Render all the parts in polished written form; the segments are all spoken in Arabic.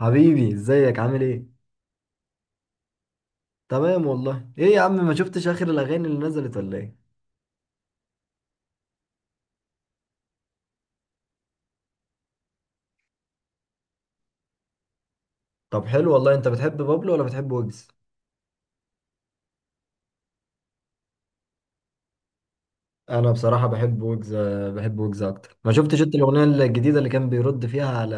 حبيبي، ازيك؟ عامل ايه؟ تمام والله. ايه يا عم، ما شفتش اخر الاغاني اللي نزلت ولا ايه؟ طب حلو والله. انت بتحب بابلو ولا بتحب ويجز؟ انا بصراحه بحب ويجز. بحب ويجز اكتر. ما شفتش انت الاغنيه الجديده اللي كان بيرد فيها على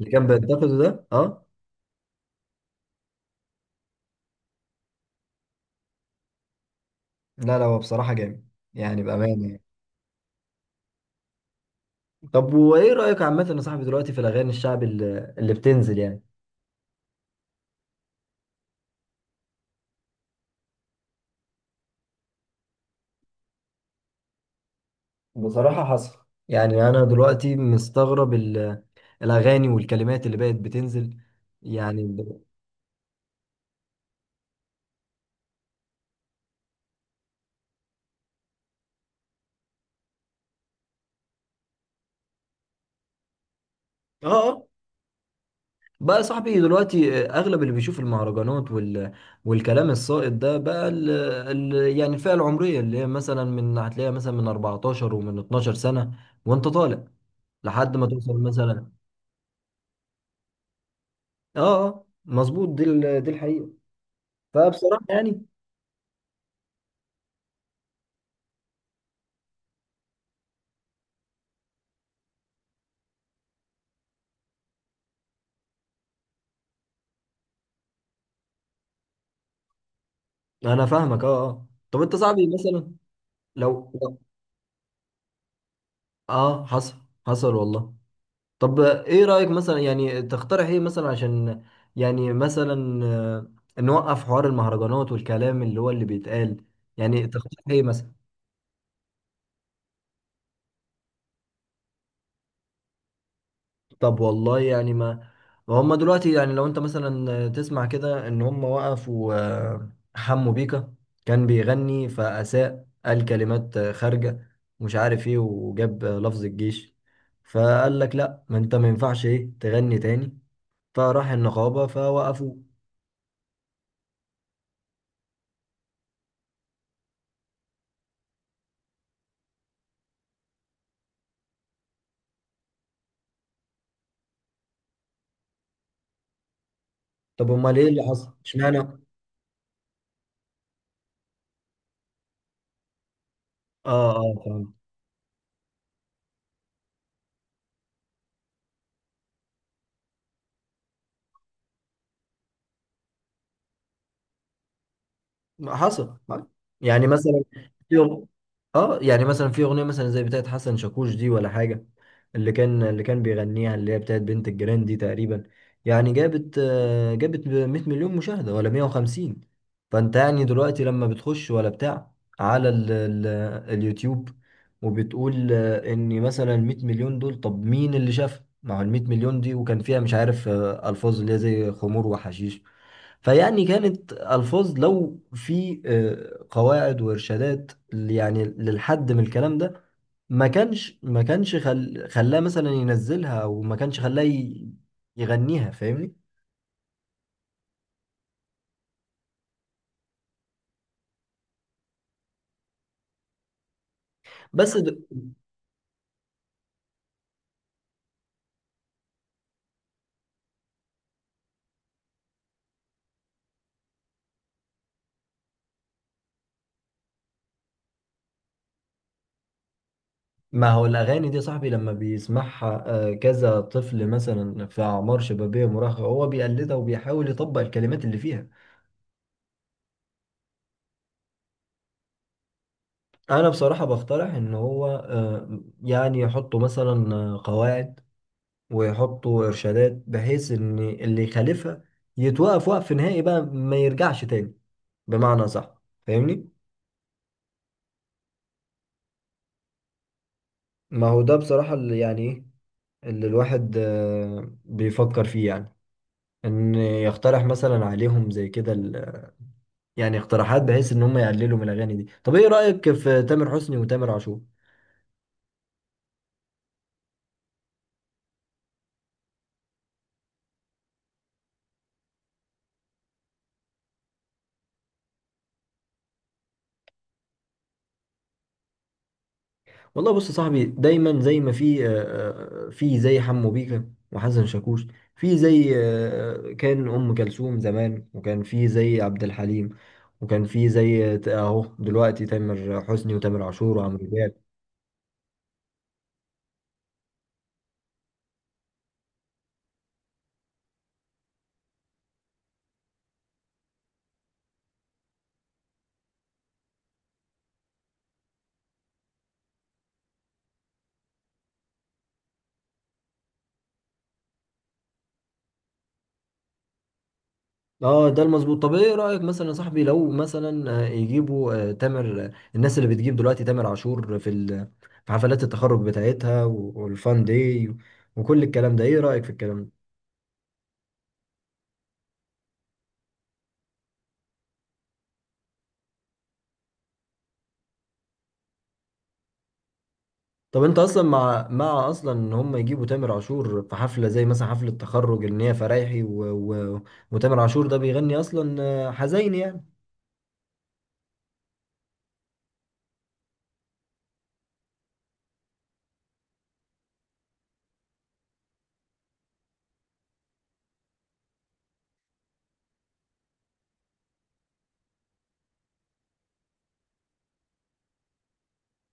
اللي كان بينتقده ده؟ اه. لا لا، هو بصراحه جامد، يعني بامانه يعني. طب وايه رايك عامه يا صاحبي دلوقتي في الاغاني الشعبي اللي بتنزل يعني؟ بصراحة حصل. يعني انا دلوقتي مستغرب الاغاني والكلمات اللي بقت بتنزل. يعني. اه، بقى يا صاحبي دلوقتي اغلب اللي بيشوف المهرجانات والكلام السائد ده بقى يعني الفئه العمريه اللي هي مثلا، من هتلاقيها مثلا من 14 ومن 12 سنه، وانت طالع لحد ما توصل مثلا. اه اه مظبوط. دي الحقيقه. فبصراحه يعني، انا فاهمك. اه اه. طب انت صاحبي مثلا لو لو- اه، حصل. حصل والله. طب ايه رأيك مثلا؟ يعني تقترح ايه مثلا عشان، يعني مثلا نوقف حوار المهرجانات والكلام اللي هو اللي بيتقال؟ يعني تقترح ايه مثلا؟ طب والله يعني، ما هم دلوقتي، يعني لو انت مثلا تسمع كده ان هم وقفوا حمو بيكا. كان بيغني فأساء، قال كلمات خارجة، مش عارف ايه، وجاب لفظ الجيش. فقال لك لا، ما انت ما ينفعش ايه تغني تاني. فراح النقابة فوقفوه. طب امال ايه اللي حصل اشمعنى؟ اه اه فاهم. ما حصل. يعني مثلا في أغ- اه، يعني مثلا في اغنيه مثلا زي بتاعت حسن شاكوش دي ولا حاجه، اللي كان بيغنيها، اللي هي بتاعت بنت الجيران دي تقريبا، يعني جابت، جابت 100 مليون مشاهده ولا 150. فانت يعني دلوقتي لما بتخش ولا بتاع على ال اليوتيوب، وبتقول ان مثلا 100 مليون دول، طب مين اللي شافها؟ ما هو ال 100 مليون دي وكان فيها، مش عارف، الفاظ اللي هي زي خمور وحشيش. فيعني كانت ألفاظ، لو في قواعد وإرشادات يعني للحد من الكلام ده، ما كانش خلاه مثلا ينزلها، أو ما كانش خلاه يغنيها، فاهمني؟ بس د... ما هو الأغاني دي يا صاحبي، لما بيسمعها كذا طفل مثلا في أعمار شبابية مراهقة، هو بيقلدها وبيحاول يطبق الكلمات اللي فيها. أنا بصراحة بقترح إن هو، يعني يحطوا مثلا قواعد، ويحطوا إرشادات بحيث إن اللي يخالفها يتوقف وقف نهائي بقى، ما يرجعش تاني، بمعنى صح، فاهمني؟ ما هو ده بصراحة اللي يعني إيه اللي الواحد بيفكر فيه، يعني إن يقترح مثلا عليهم زي كده يعني اقتراحات، بحيث إن هم يقللوا من الأغاني دي. طب إيه رأيك في تامر حسني وتامر عاشور؟ والله بص يا صاحبي، دايما زي ما في، في زي حمو بيكا وحسن شاكوش، في زي، كان ام كلثوم زمان، وكان في زي عبد الحليم، وكان في زي اهو دلوقتي تامر حسني وتامر عاشور وعمرو دياب. اه ده المظبوط. طب ايه رايك مثلا يا صاحبي لو مثلا يجيبوا، آه، تامر آه، الناس اللي بتجيب دلوقتي تامر عاشور في في حفلات التخرج بتاعتها والفان داي وكل الكلام ده، ايه رايك في الكلام ده؟ طب انت اصلا مع مع ان هم يجيبوا تامر عاشور في حفله، زي مثلا حفله تخرج، ان هي فرايحي و... وتامر عاشور ده بيغني اصلا حزين يعني؟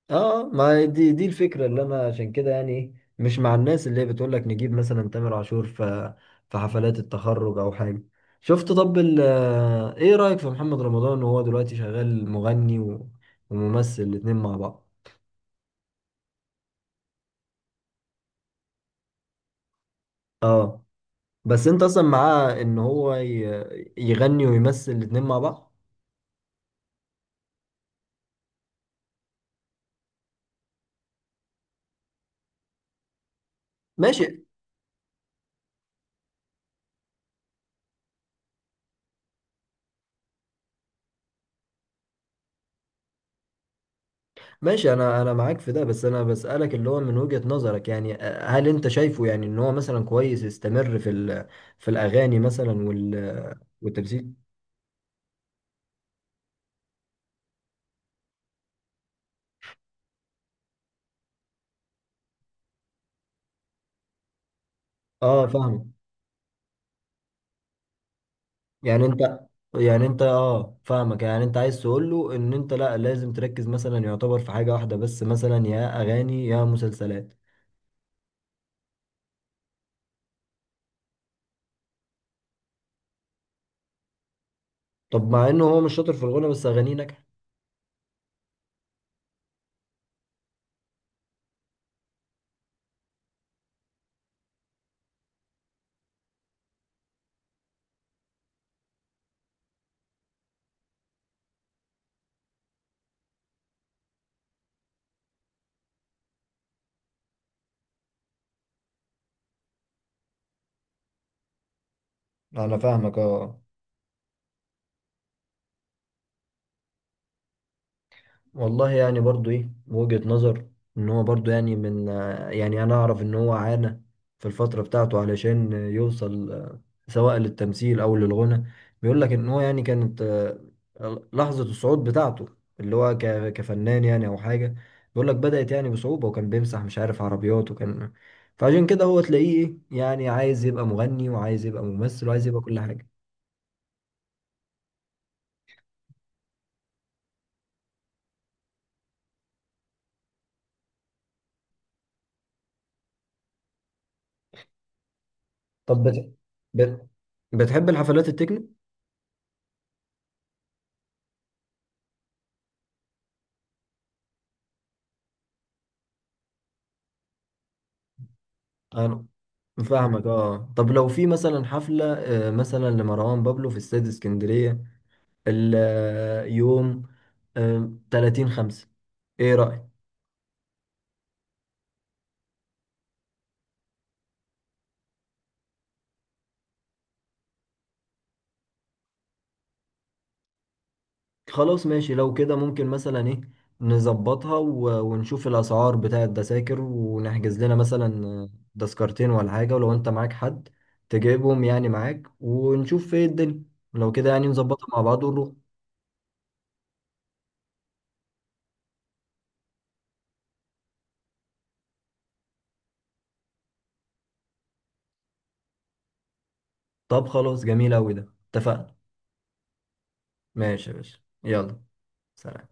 اه ما دي الفكره اللي انا عشان كده يعني ايه، مش مع الناس اللي هي بتقول لك نجيب مثلا تامر عاشور في حفلات التخرج او حاجه. شفت؟ طب ال... آه، ايه رايك في محمد رمضان وهو دلوقتي شغال مغني وممثل الاتنين مع بعض؟ اه. بس انت اصلا معاه ان هو يغني ويمثل الاتنين مع بعض؟ ماشي. ماشي، انا معاك في ده، بس انا بسألك اللي هو من وجهة نظرك يعني، هل انت شايفه يعني ان هو مثلا كويس يستمر في في الاغاني مثلا والتمثيل؟ اه فاهمك. يعني انت، يعني انت، اه فاهمك، يعني انت عايز تقول له ان انت لا، لازم تركز مثلا يعتبر في حاجة واحدة بس، مثلا يا اغاني يا مسلسلات. طب مع انه هو مش شاطر في الغنى بس اغانيه ناجحة؟ انا فاهمك اه. والله يعني برضو ايه وجهة نظر، ان هو برضو يعني من، يعني انا اعرف ان هو عانى في الفترة بتاعته علشان، يوصل، سواء للتمثيل او للغنى. بيقول لك ان هو يعني كانت لحظة الصعود بتاعته، اللي هو كفنان يعني او حاجة. بيقول لك بدأت يعني بصعوبة، وكان بيمسح مش عارف عربيات، وكان، فعشان كده هو تلاقيه ايه، يعني عايز يبقى مغني وعايز يبقى ممثل وعايز يبقى كل حاجة. طب بت... بتحب الحفلات التكنو؟ أنا فاهمك اه. طب لو في مثلا حفلة مثلا لمروان بابلو في استاد اسكندرية، اليوم 30 خمسة، ايه رأيك؟ خلاص ماشي. لو كده ممكن مثلا ايه، نظبطها ونشوف الأسعار بتاع التذاكر، ونحجز لنا مثلا تذكرتين ولا حاجة، ولو انت معاك حد تجيبهم يعني معاك، ونشوف ايه الدنيا. لو كده يعني نظبطها مع بعض ونروح. طب خلاص، جميل أوي، ده اتفقنا. ماشي يا باشا، يلا. سلام.